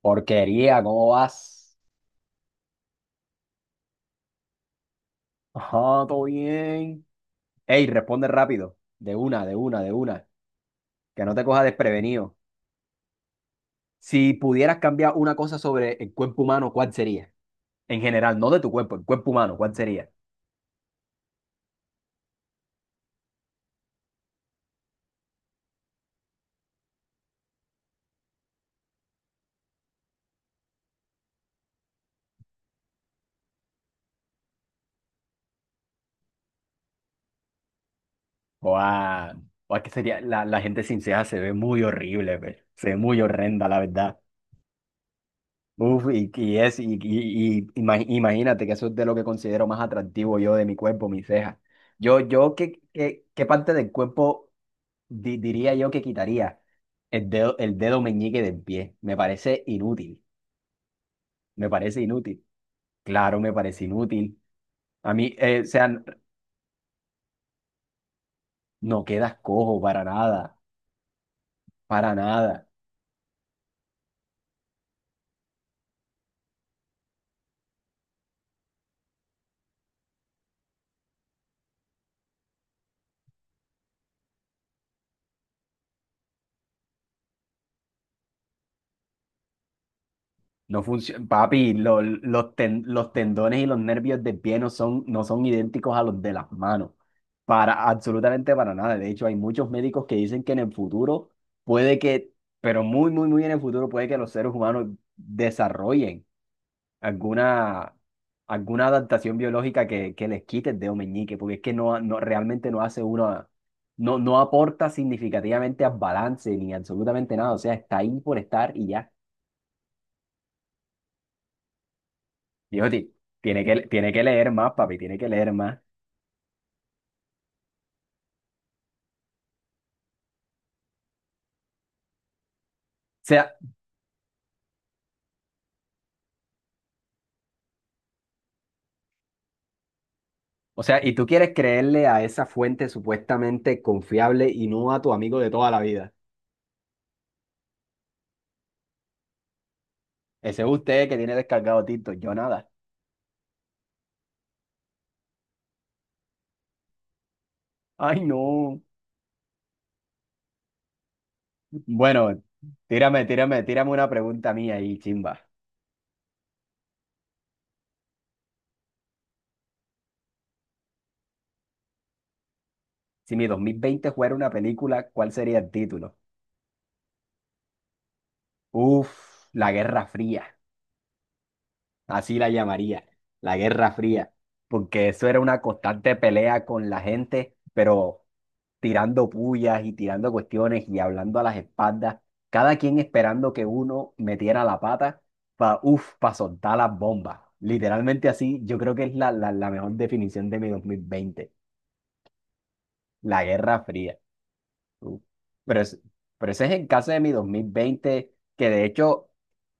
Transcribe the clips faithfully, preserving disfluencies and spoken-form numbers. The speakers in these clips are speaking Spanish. Porquería, ¿cómo vas? Ajá, todo bien. Ey, responde rápido. De una, de una, de una. Que no te coja desprevenido. Si pudieras cambiar una cosa sobre el cuerpo humano, ¿cuál sería? En general, no de tu cuerpo, el cuerpo humano, ¿cuál sería? Buah, buah, que sería, la, la gente sin cejas se ve muy horrible, pe. Se ve muy horrenda, la verdad. Uf, y, y es, y, y, y ima- imagínate que eso es de lo que considero más atractivo yo de mi cuerpo, mis cejas. Yo, yo, ¿qué, qué, qué parte del cuerpo? Di- diría yo que quitaría el dedo, el dedo meñique del pie. Me parece inútil. Me parece inútil. Claro, me parece inútil. A mí, eh, o sea, n- no quedas cojo para nada. Para nada. No funciona. Papi, lo- los, ten- los tendones y los nervios del pie no son, no son idénticos a los de las manos. Para, absolutamente para nada. De hecho, hay muchos médicos que dicen que en el futuro puede que, pero muy, muy, muy en el futuro puede que los seres humanos desarrollen alguna, alguna adaptación biológica que, que les quite el dedo meñique, porque es que no, no realmente no hace uno, no, no aporta significativamente al balance ni absolutamente nada. O sea, está ahí por estar y ya. Dijo: "Ti- tiene que, tiene que leer más, papi, tiene que leer más. O sea, o sea, y tú quieres creerle a esa fuente supuestamente confiable y no a tu amigo de toda la vida. Ese es usted que tiene descargado Tito, yo nada. Ay, no. Bueno, tírame, tírame, tírame una pregunta mía ahí, chimba. Si mi dos mil veinte fuera una película, ¿cuál sería el título? Uf, La Guerra Fría, así la llamaría, La Guerra Fría, porque eso era una constante pelea con la gente, pero tirando pullas y tirando cuestiones y hablando a las espaldas, cada quien esperando que uno metiera la pata para, uf, para soltar las bombas. Literalmente así, yo creo que es la, la la mejor definición de mi dos mil veinte, La Guerra Fría. Uh, Pero, es- pero ese es el caso de mi dos mil veinte, que de hecho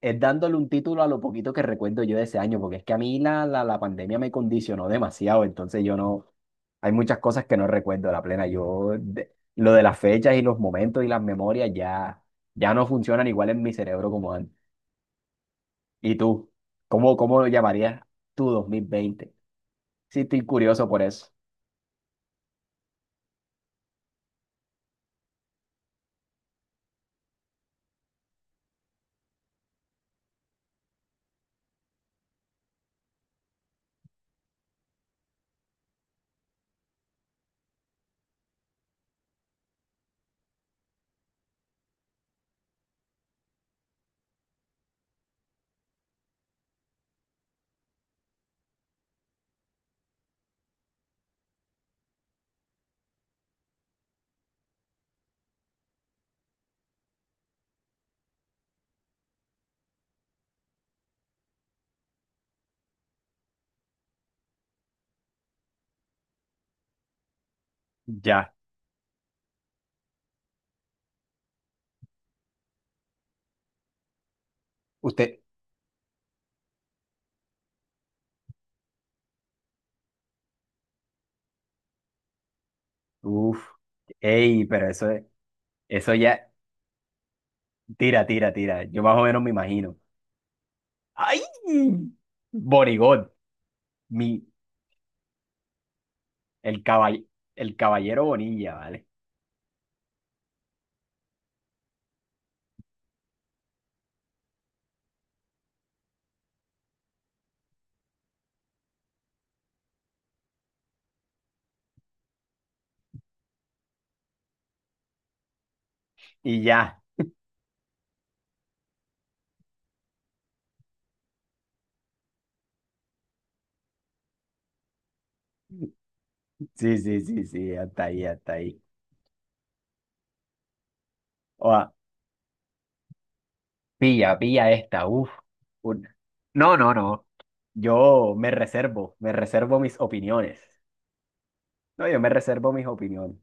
es dándole un título a lo poquito que recuerdo yo de ese año, porque es que a mí la, la, la pandemia me condicionó demasiado, entonces yo no, hay muchas cosas que no recuerdo a la plena. Yo, de- lo de las fechas y los momentos y las memorias ya, ya no funcionan igual en mi cerebro como antes. ¿Y tú? ¿Cómo, cómo lo llamarías tu dos mil veinte? Sí, estoy curioso por eso. Ya. Usted. Uf. Ey, pero eso, eso ya. Tira, tira, tira. Yo más o menos me imagino. ¡Ay! Borigot, mi, el caball- el caballero Bonilla, ¿vale? Y ya. Sí, sí, sí, sí, hasta ahí, hasta ahí. Oa, pilla, pilla esta, uf. Un- No, no, no. Yo me reservo, me reservo mis opiniones. No, yo me reservo mis opiniones.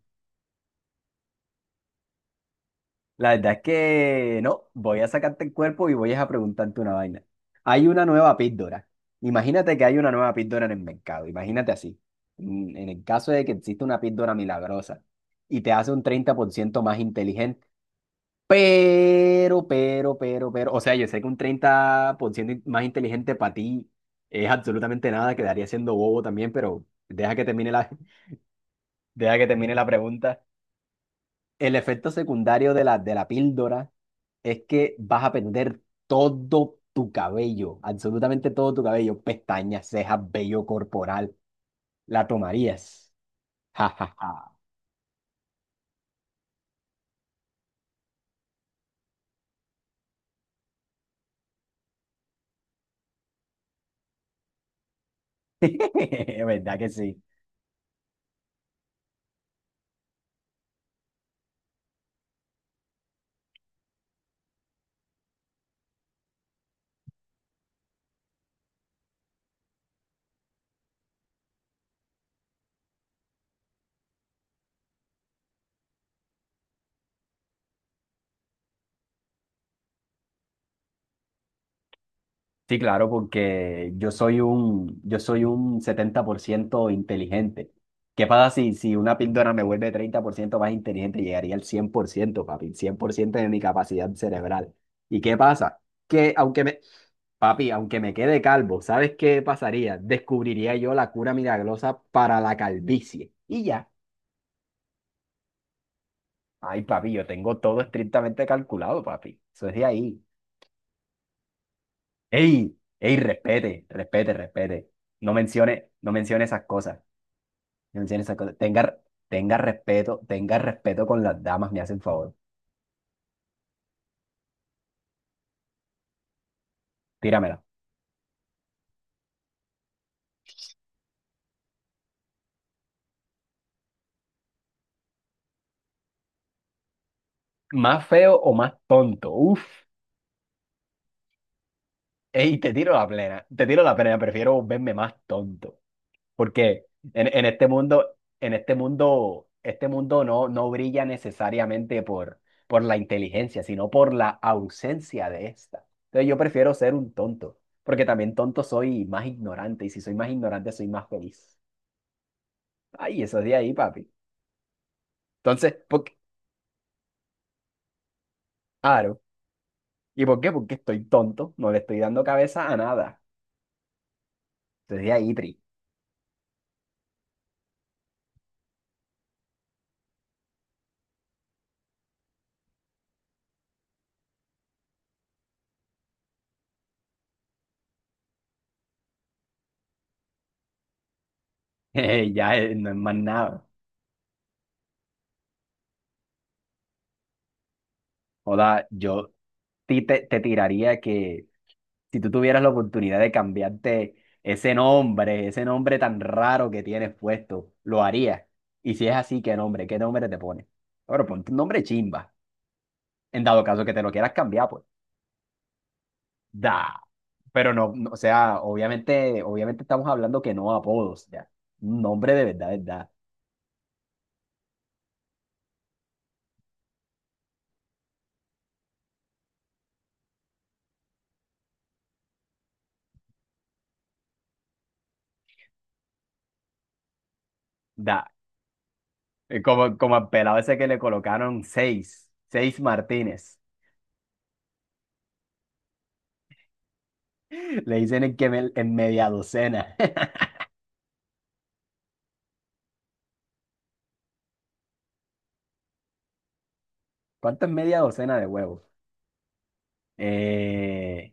La verdad es que no, voy a sacarte el cuerpo y voy a preguntarte una vaina. Hay una nueva píldora. Imagínate que hay una nueva píldora en el mercado. Imagínate así. En en el caso de que existe una píldora milagrosa y te hace un treinta por ciento más inteligente. Pero, pero, pero, pero. O sea, yo sé que un treinta por ciento in- más inteligente para ti es absolutamente nada. Quedaría siendo bobo también, pero deja que termine la, deja que termine la pregunta. El efecto secundario de la, de la píldora es que vas a perder todo tu cabello, absolutamente todo tu cabello, pestañas, cejas, vello corporal. ¿La tomarías? Ja, ja, ja. ¿Verdad que sí? Sí, claro, porque yo soy un, yo soy un setenta por ciento inteligente. ¿Qué pasa si, si una píldora me vuelve treinta por ciento más inteligente? Llegaría al cien por ciento, papi, cien por ciento de mi capacidad cerebral. ¿Y qué pasa? Que aunque me, papi, aunque me quede calvo, ¿sabes qué pasaría? Descubriría yo la cura milagrosa para la calvicie. Y ya. Ay, papi, yo tengo todo estrictamente calculado, papi. Eso es de ahí. Ey, ey, respete, respete, respete. No mencione, no mencione esas cosas. No mencione esas cosas. Tenga, tenga respeto, tenga respeto con las damas, me hace el favor. Tíramela. ¿Más feo o más tonto? Uf. Ey, te tiro la plena. Te tiro la plena, prefiero verme más tonto. Porque en, en este mundo, en este mundo, este mundo no, no brilla necesariamente por, por la inteligencia, sino por la ausencia de esta. Entonces yo prefiero ser un tonto, porque también tonto soy más ignorante, y si soy más ignorante soy más feliz. Ay, eso es de ahí, papi. Entonces, ¿por qué? Claro. ¿Y por qué? Porque estoy tonto, no le estoy dando cabeza a nada. Entonces de ahí, tri. Ya eh, no es más nada. Joda, yo ti- te, te tiraría que si tú tuvieras la oportunidad de cambiarte ese nombre, ese nombre tan raro que tienes puesto, ¿lo harías? Y si es así, ¿qué nombre? ¿Qué nombre te pones? Bueno, ponte un nombre chimba, en dado caso que te lo quieras cambiar, pues. Da. Pero no, no, o sea, obviamente, obviamente estamos hablando que no apodos, ya. Un nombre de verdad, verdad. Da. Da. Es como, como al pelado ese que le colocaron seis, seis Martínez. Le dicen en, que me- en media docena. ¿Cuánto es media docena de huevos? Eh,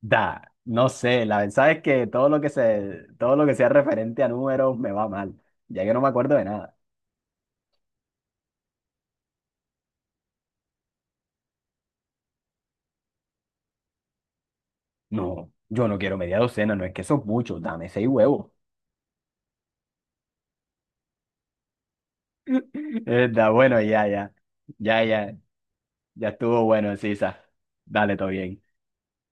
Da, no sé, la verdad es que todo lo que se, todo lo que sea referente a números me va mal, ya que no me acuerdo de nada. No, yo no quiero media docena, no es que eso es mucho, dame seis huevos. Eh, da, bueno, ya, ya, ya, ya, ya estuvo bueno, Sisa. Dale, todo bien.